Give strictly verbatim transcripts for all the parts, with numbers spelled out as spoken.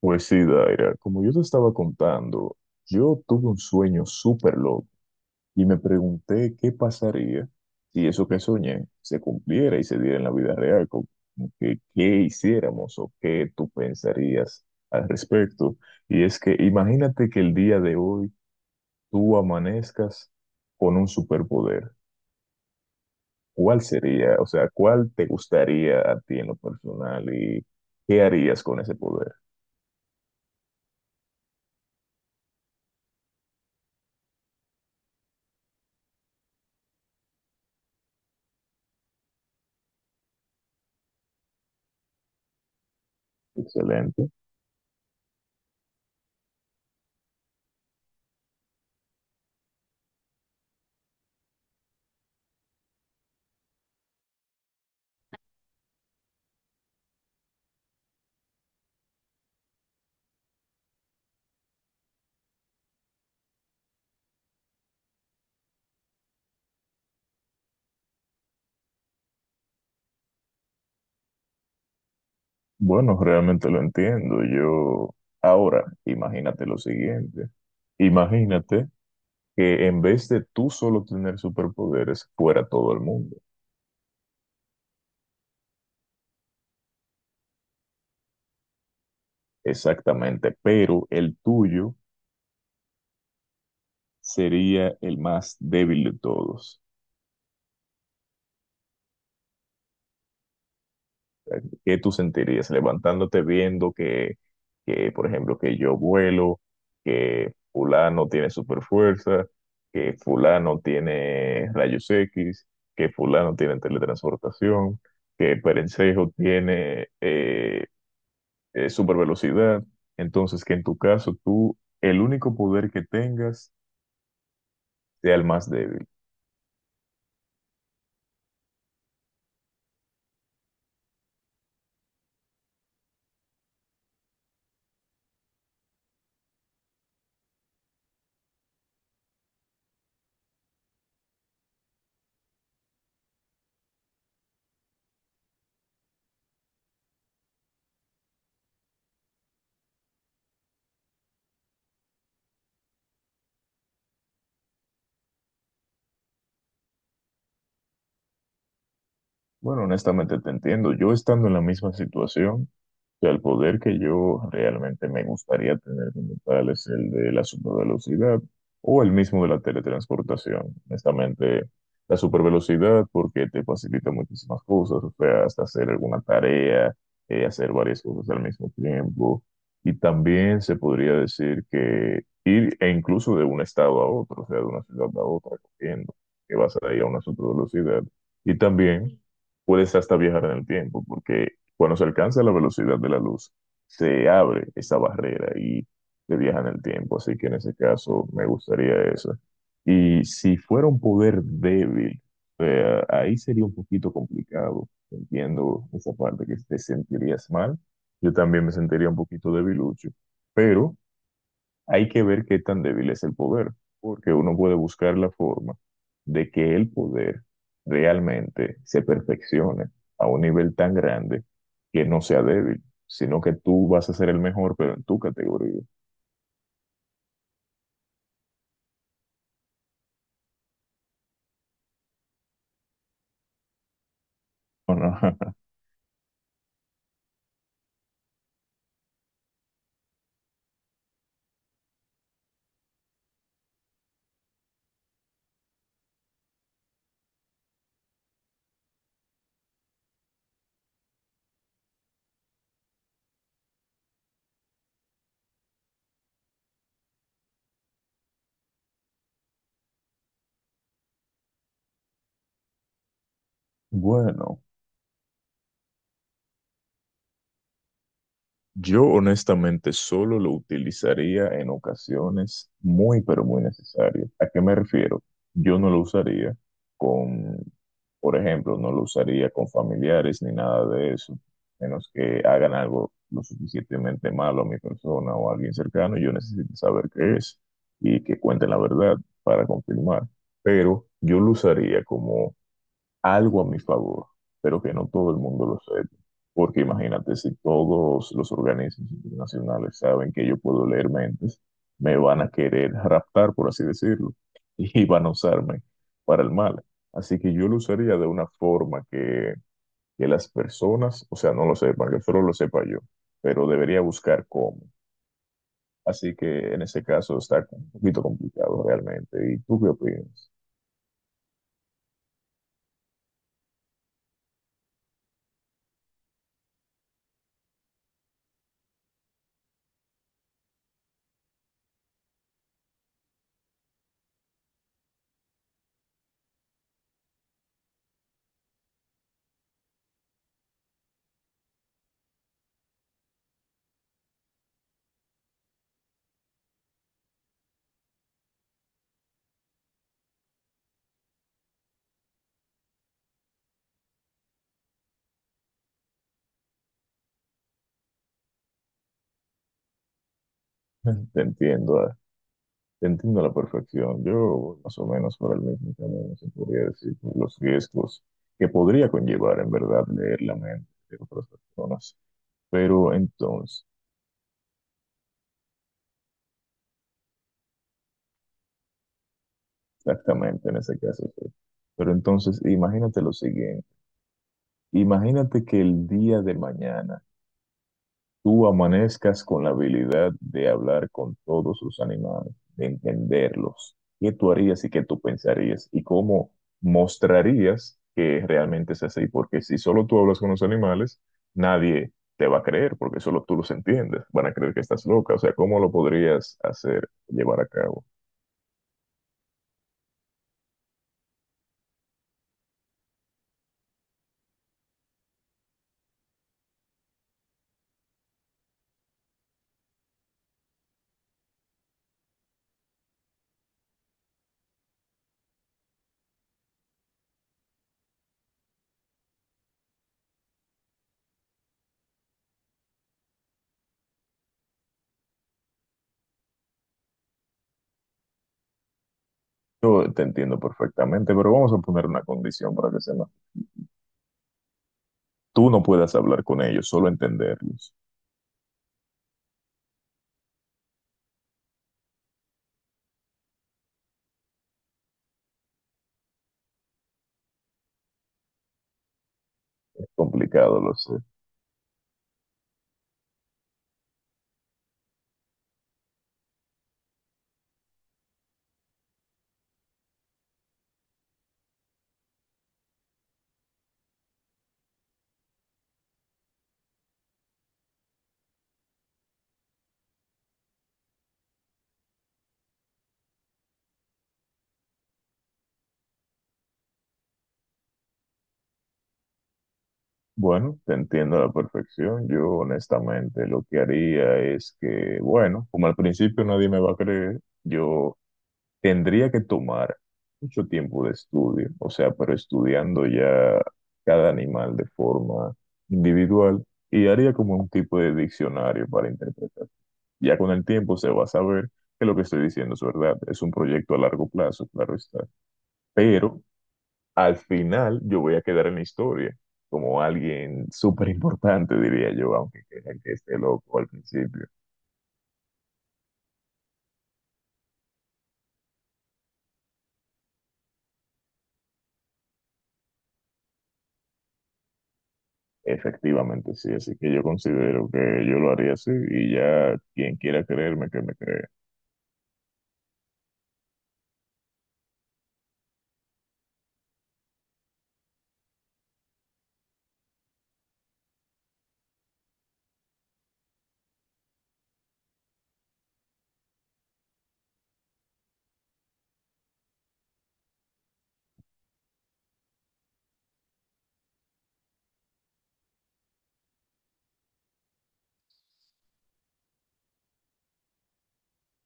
Pues sí, Daira, como yo te estaba contando, yo tuve un sueño súper loco y me pregunté qué pasaría si eso que soñé se cumpliera y se diera en la vida real, como que qué hiciéramos o qué tú pensarías al respecto. Y es que imagínate que el día de hoy tú amanezcas con un superpoder. ¿Cuál sería? O sea, ¿cuál te gustaría a ti en lo personal y qué harías con ese poder? Excelente. Bueno, realmente lo entiendo. Yo, ahora, imagínate lo siguiente. Imagínate que en vez de tú solo tener superpoderes, fuera todo el mundo. Exactamente, pero el tuyo sería el más débil de todos. ¿Qué tú sentirías levantándote viendo que, que, por ejemplo, que yo vuelo, que fulano tiene super fuerza, que fulano tiene rayos X, que fulano tiene teletransportación, que Perencejo tiene eh, super velocidad? Entonces, que en tu caso tú, el único poder que tengas sea el más débil. Bueno, honestamente te entiendo. Yo, estando en la misma situación, o sea, el poder que yo realmente me gustaría tener como tal es el de la supervelocidad o el mismo de la teletransportación. Honestamente, la supervelocidad, porque te facilita muchísimas cosas, o sea, hasta hacer alguna tarea, eh, hacer varias cosas al mismo tiempo. Y también se podría decir que ir e incluso de un estado a otro, o sea, de una ciudad a otra, corriendo, que vas a ir a una supervelocidad. Y también puedes hasta viajar en el tiempo, porque cuando se alcanza la velocidad de la luz, se abre esa barrera y se viaja en el tiempo. Así que en ese caso me gustaría eso. Y si fuera un poder débil, eh, ahí sería un poquito complicado. Entiendo esa parte, que te sentirías mal. Yo también me sentiría un poquito debilucho. Pero hay que ver qué tan débil es el poder, porque uno puede buscar la forma de que el poder realmente se perfeccione a un nivel tan grande que no sea débil, sino que tú vas a ser el mejor, pero en tu categoría. ¿O no? Bueno. Yo honestamente solo lo utilizaría en ocasiones muy, pero muy necesarias. ¿A qué me refiero? Yo no lo usaría con, por ejemplo, no lo usaría con familiares ni nada de eso, menos que hagan algo lo suficientemente malo a mi persona o a alguien cercano. Yo necesito saber qué es y que cuenten la verdad para confirmar. Pero yo lo usaría como algo a mi favor, pero que no todo el mundo lo sepa. Porque imagínate, si todos los organismos internacionales saben que yo puedo leer mentes, me van a querer raptar, por así decirlo, y van a usarme para el mal. Así que yo lo usaría de una forma que, que las personas, o sea, no lo sepan, que solo lo sepa yo, pero debería buscar cómo. Así que en ese caso está un poquito complicado realmente. ¿Y tú qué opinas? Te entiendo, ah. Te entiendo a la perfección. Yo voy más o menos por el mismo camino, se podría decir, por los riesgos que podría conllevar en verdad leer la mente de otras personas. Pero entonces, exactamente en ese caso, sí. Pero entonces, imagínate lo siguiente. Imagínate que el día de mañana tú amanezcas con la habilidad de hablar con todos los animales, de entenderlos, qué tú harías y qué tú pensarías y cómo mostrarías que realmente es así, porque si solo tú hablas con los animales, nadie te va a creer, porque solo tú los entiendes, van a creer que estás loca, o sea, ¿cómo lo podrías hacer, llevar a cabo? Yo te entiendo perfectamente, pero vamos a poner una condición para que se ma- Tú no puedas hablar con ellos, solo entenderlos. Es complicado, lo sé. Bueno, te entiendo a la perfección. Yo honestamente lo que haría es que, bueno, como al principio nadie me va a creer, yo tendría que tomar mucho tiempo de estudio, o sea, pero estudiando ya cada animal de forma individual, y haría como un tipo de diccionario para interpretar. Ya con el tiempo se va a saber que lo que estoy diciendo es verdad. Es un proyecto a largo plazo, claro está. Pero al final yo voy a quedar en la historia como alguien súper importante, diría yo, aunque crean que esté loco al principio. Efectivamente, sí, así que yo considero que yo lo haría así, y ya quien quiera creerme, que me crea.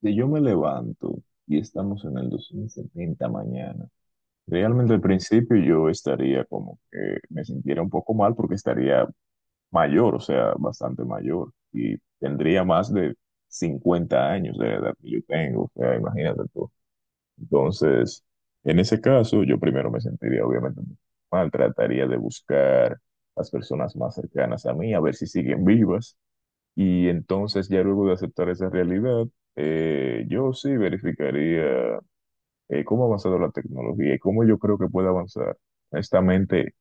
Si yo me levanto y estamos en el dos mil setenta mañana, realmente al principio yo estaría como que me sintiera un poco mal, porque estaría mayor, o sea, bastante mayor, y tendría más de cincuenta años de la edad que yo tengo, o sea, imagínate tú. Entonces, en ese caso, yo primero me sentiría obviamente mal, trataría de buscar las personas más cercanas a mí, a ver si siguen vivas. Y entonces, ya luego de aceptar esa realidad, eh, yo sí verificaría eh, cómo ha avanzado la tecnología y cómo yo creo que puede avanzar. Honestamente,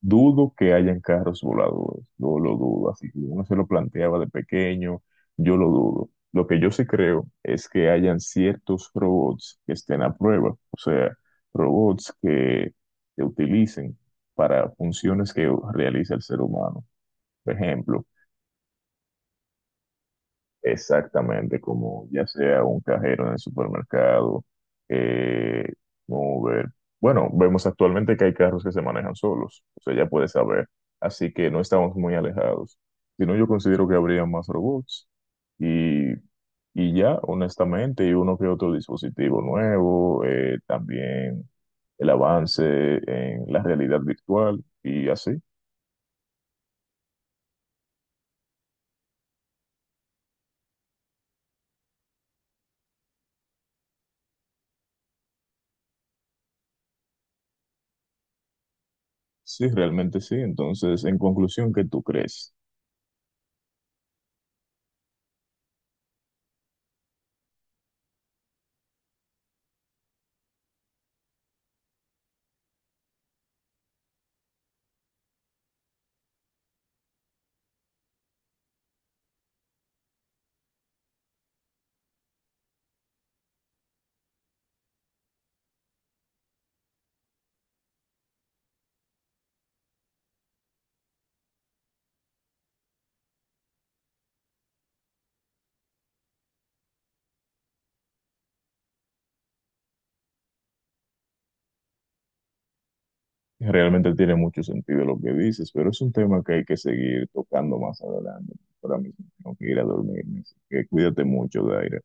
dudo que hayan carros voladores. No lo dudo, así que uno se lo planteaba de pequeño, yo lo dudo. Lo que yo sí creo es que hayan ciertos robots que estén a prueba, o sea, robots que se utilicen para funciones que realiza el ser humano. Por ejemplo, exactamente, como ya sea un cajero en el supermercado, eh, Uber. Bueno, vemos actualmente que hay carros que se manejan solos, o sea, ya puedes saber. Así que no estamos muy alejados. Si no, yo considero que habría más robots y, y ya, honestamente, y uno que otro dispositivo nuevo, eh, también el avance en la realidad virtual y así. Sí, realmente sí. Entonces, en conclusión, ¿qué tú crees? Realmente tiene mucho sentido lo que dices, pero es un tema que hay que seguir tocando más adelante. Ahora mismo tengo que ir a dormirme, así que cuídate mucho, Daira.